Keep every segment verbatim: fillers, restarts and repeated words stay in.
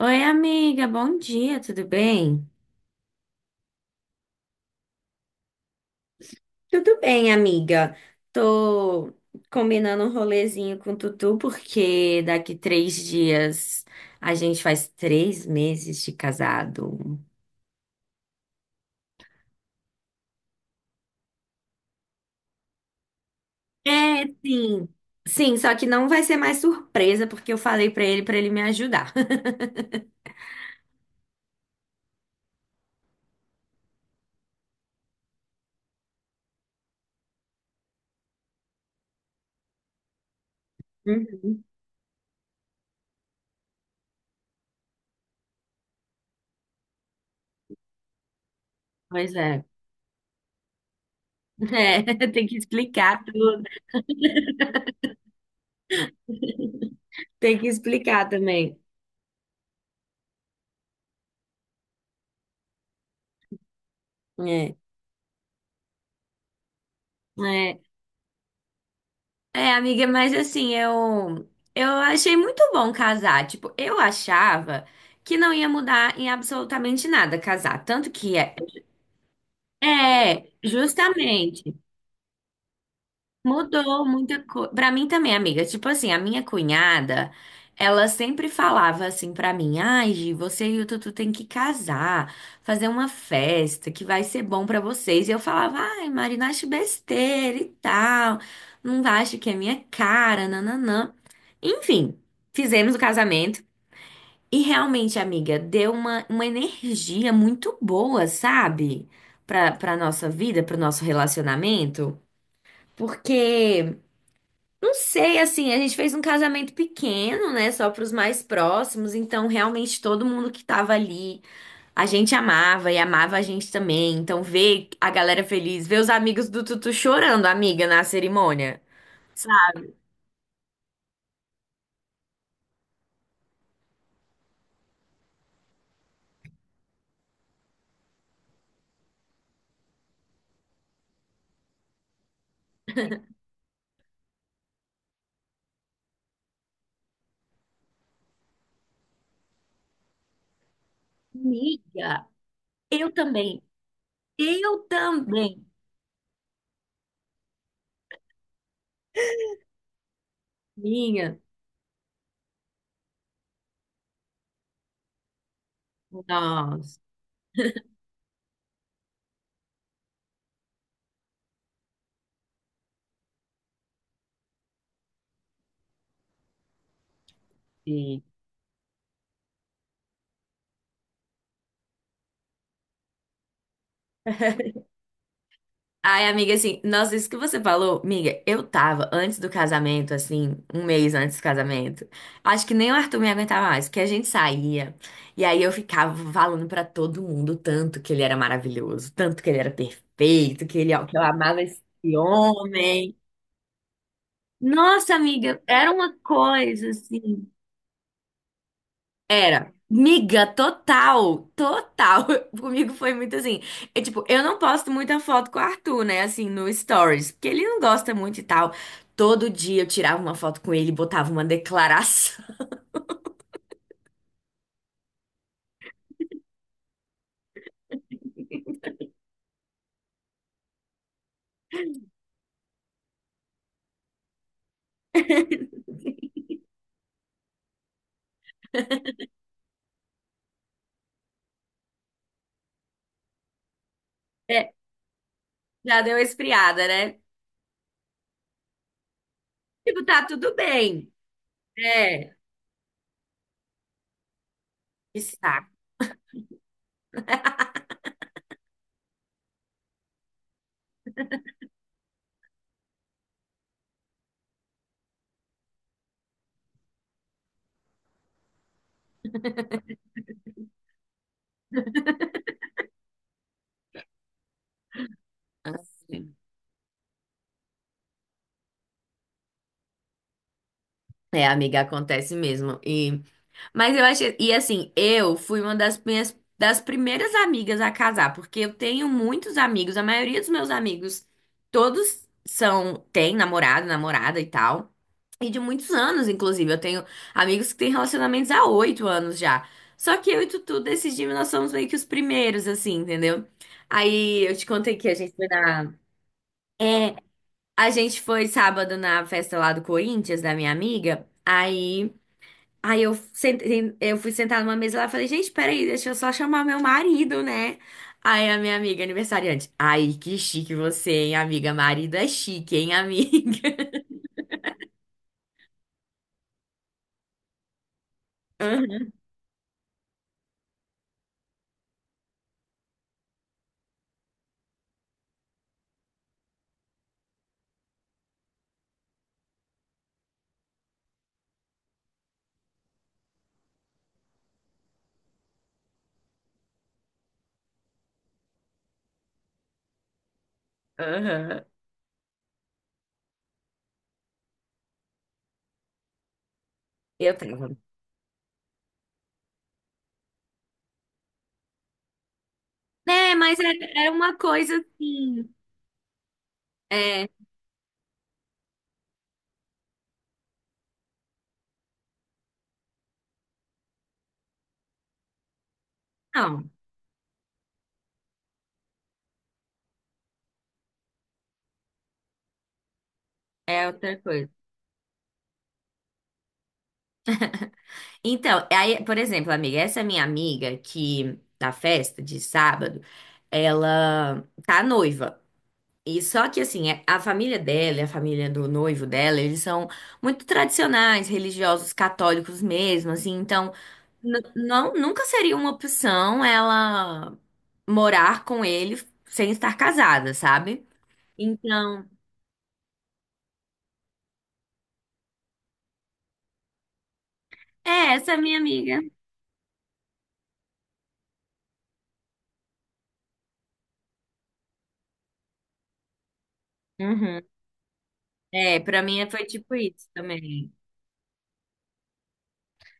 Oi, amiga, bom dia, tudo bem? Tudo bem, amiga. Tô combinando um rolezinho com o Tutu, porque daqui três dias a gente faz três meses de casado. É, sim. Sim, só que não vai ser mais surpresa, porque eu falei pra ele pra ele me ajudar. Uhum. Pois é. É, tem que explicar tudo. Tem que explicar também. É. É, amiga, mas assim, eu eu achei muito bom casar. Tipo, eu achava que não ia mudar em absolutamente nada casar, tanto que é, é justamente. Mudou muita coisa. Pra mim também, amiga. Tipo assim, a minha cunhada, ela sempre falava assim pra mim: ai, Gi, você e o Tutu tem que casar, fazer uma festa que vai ser bom pra vocês. E eu falava: ai, Marina, acho besteira e tal. Não acho que é minha cara, nananã. Enfim, fizemos o casamento. E realmente, amiga, deu uma, uma energia muito boa, sabe? Pra, pra nossa vida, pro nosso relacionamento. Porque. Não sei, assim, a gente fez um casamento pequeno, né, só para os mais próximos, então realmente todo mundo que tava ali, a gente amava e amava a gente também. Então ver a galera feliz, ver os amigos do Tutu chorando, amiga, na cerimônia. Sabe? Amiga, eu também. Eu também. Minha. Nossa. Ai, amiga, assim, nossa, isso que você falou, amiga, eu tava antes do casamento, assim, um mês antes do casamento. Acho que nem o Arthur me aguentava mais, porque a gente saía e aí eu ficava falando pra todo mundo o tanto que ele era maravilhoso, tanto que ele era perfeito, que ele, que eu amava esse homem. Nossa, amiga, era uma coisa assim. Era. Miga, total, total. Comigo foi muito assim. É tipo, eu não posto muita foto com o Arthur, né? Assim, no Stories, porque ele não gosta muito e tal. Todo dia eu tirava uma foto com ele, e botava uma declaração. É, já deu uma esfriada, né? Tipo, tá tudo bem. É, está. É, amiga, acontece mesmo. E mas eu achei, e assim, eu fui uma das minhas das primeiras amigas a casar, porque eu tenho muitos amigos, a maioria dos meus amigos todos são têm namorado, namorada e tal. E de muitos anos, inclusive, eu tenho amigos que têm relacionamentos há oito anos já. Só que eu e Tutu decidimos, nós somos meio que os primeiros, assim, entendeu? Aí eu te contei que a gente foi na. A gente foi sábado na festa lá do Corinthians, da minha amiga. Aí Aí eu, sentei, eu fui sentar numa mesa lá e falei, gente, peraí, deixa eu só chamar meu marido, né? Aí a minha amiga aniversariante, ai, que chique você, hein, amiga? Marido é chique, hein, amiga? Aham, aham. Eu tava. É, mas era, era uma coisa assim. É, não, é outra coisa. Então, aí, por exemplo, amiga, essa minha amiga que na festa de sábado, ela tá noiva. E só que assim, é- a família dela, e a família do noivo dela, eles são muito tradicionais, religiosos, católicos mesmo, assim, então n- não nunca seria uma opção ela morar com ele sem estar casada, sabe? Então, é, essa é a minha amiga. Uhum. É, pra mim foi tipo isso também.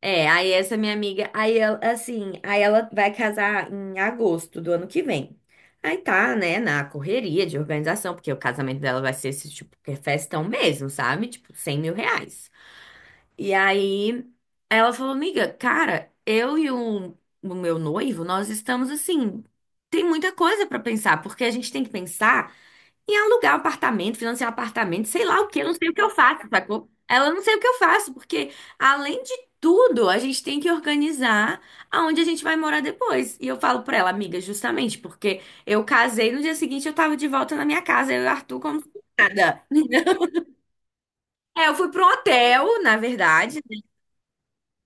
É, aí essa minha amiga, aí ela, assim, aí ela vai casar em agosto do ano que vem. Aí tá, né, na correria de organização, porque o casamento dela vai ser esse tipo, que é festão mesmo, sabe? Tipo, cem mil reais. E aí ela falou, amiga, cara, eu e o, o meu noivo, nós estamos assim, tem muita coisa pra pensar, porque a gente tem que pensar em alugar um apartamento, financiar um apartamento, sei lá o que, eu não sei o que eu faço, sacou? Ela não sei o que eu faço, porque além de tudo, a gente tem que organizar aonde a gente vai morar depois. E eu falo pra ela, amiga, justamente porque eu casei, no dia seguinte eu tava de volta na minha casa, eu e o Arthur como se nada. É, eu fui para um hotel, na verdade, né?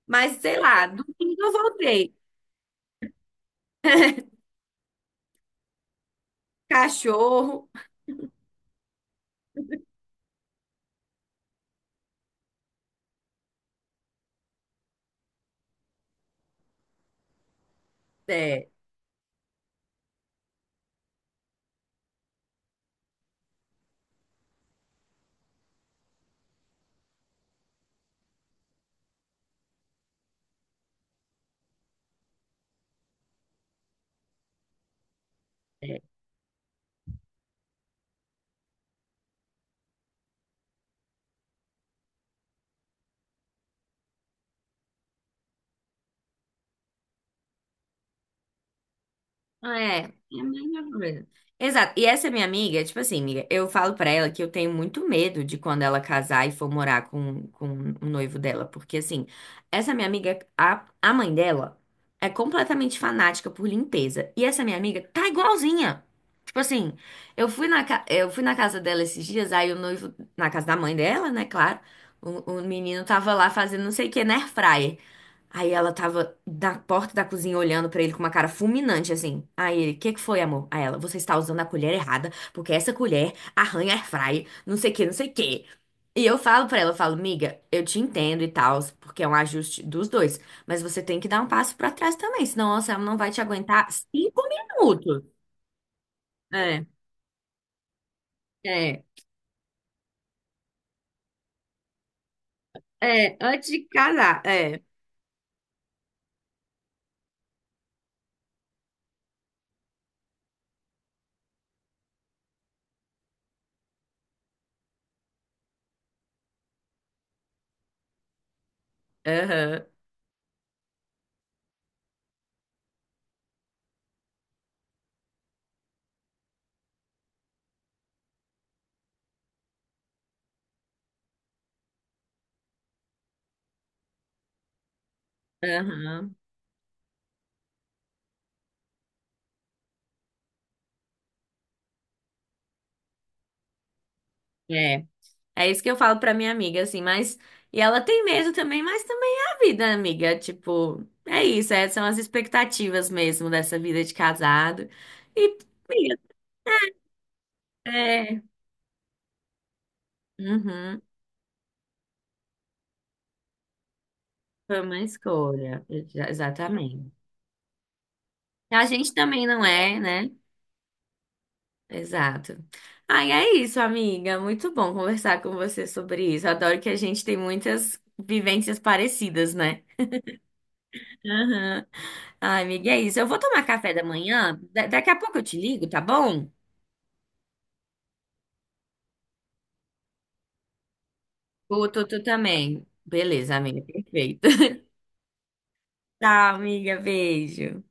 Mas sei lá, domingo eu voltei. Cachorro, é. Ah, é, é a mesma coisa. Exato. E essa minha amiga, tipo assim, amiga, eu falo pra ela que eu tenho muito medo de quando ela casar e for morar com, com o noivo dela. Porque, assim, essa minha amiga, a, a mãe dela é completamente fanática por limpeza. E essa minha amiga tá igualzinha. Tipo assim, eu fui na, ca- eu fui na casa dela esses dias, aí o noivo, na casa da mãe dela, né, claro. O, o menino tava lá fazendo não sei o que na airfryer. Aí ela tava na porta da cozinha olhando pra ele com uma cara fulminante, assim. Aí ele, o que que foi, amor? Aí ela, você está usando a colher errada, porque essa colher arranha air fry, não sei o que, não sei o que. E eu falo pra ela, eu falo, miga, eu te entendo e tal, porque é um ajuste dos dois, mas você tem que dar um passo pra trás também, senão nossa, ela não vai te aguentar cinco minutos. É, é, é, antes de casar, é, aham, aham, é. É isso que eu falo pra minha amiga, assim, mas. E ela tem medo também, mas também é a vida, amiga. Tipo, é isso, é, são as expectativas mesmo dessa vida de casado. E, amiga, é. Uhum, foi uma escolha, exa- exatamente. A gente também não é, né? Exato. Ai, é isso, amiga. Muito bom conversar com você sobre isso. Adoro que a gente tem muitas vivências parecidas, né? Aham. Ai, amiga, é isso. Eu vou tomar café da manhã. Da- daqui a pouco eu te ligo, tá bom? Vou, tu, tu também. Beleza, amiga, perfeito. Tá, amiga, beijo.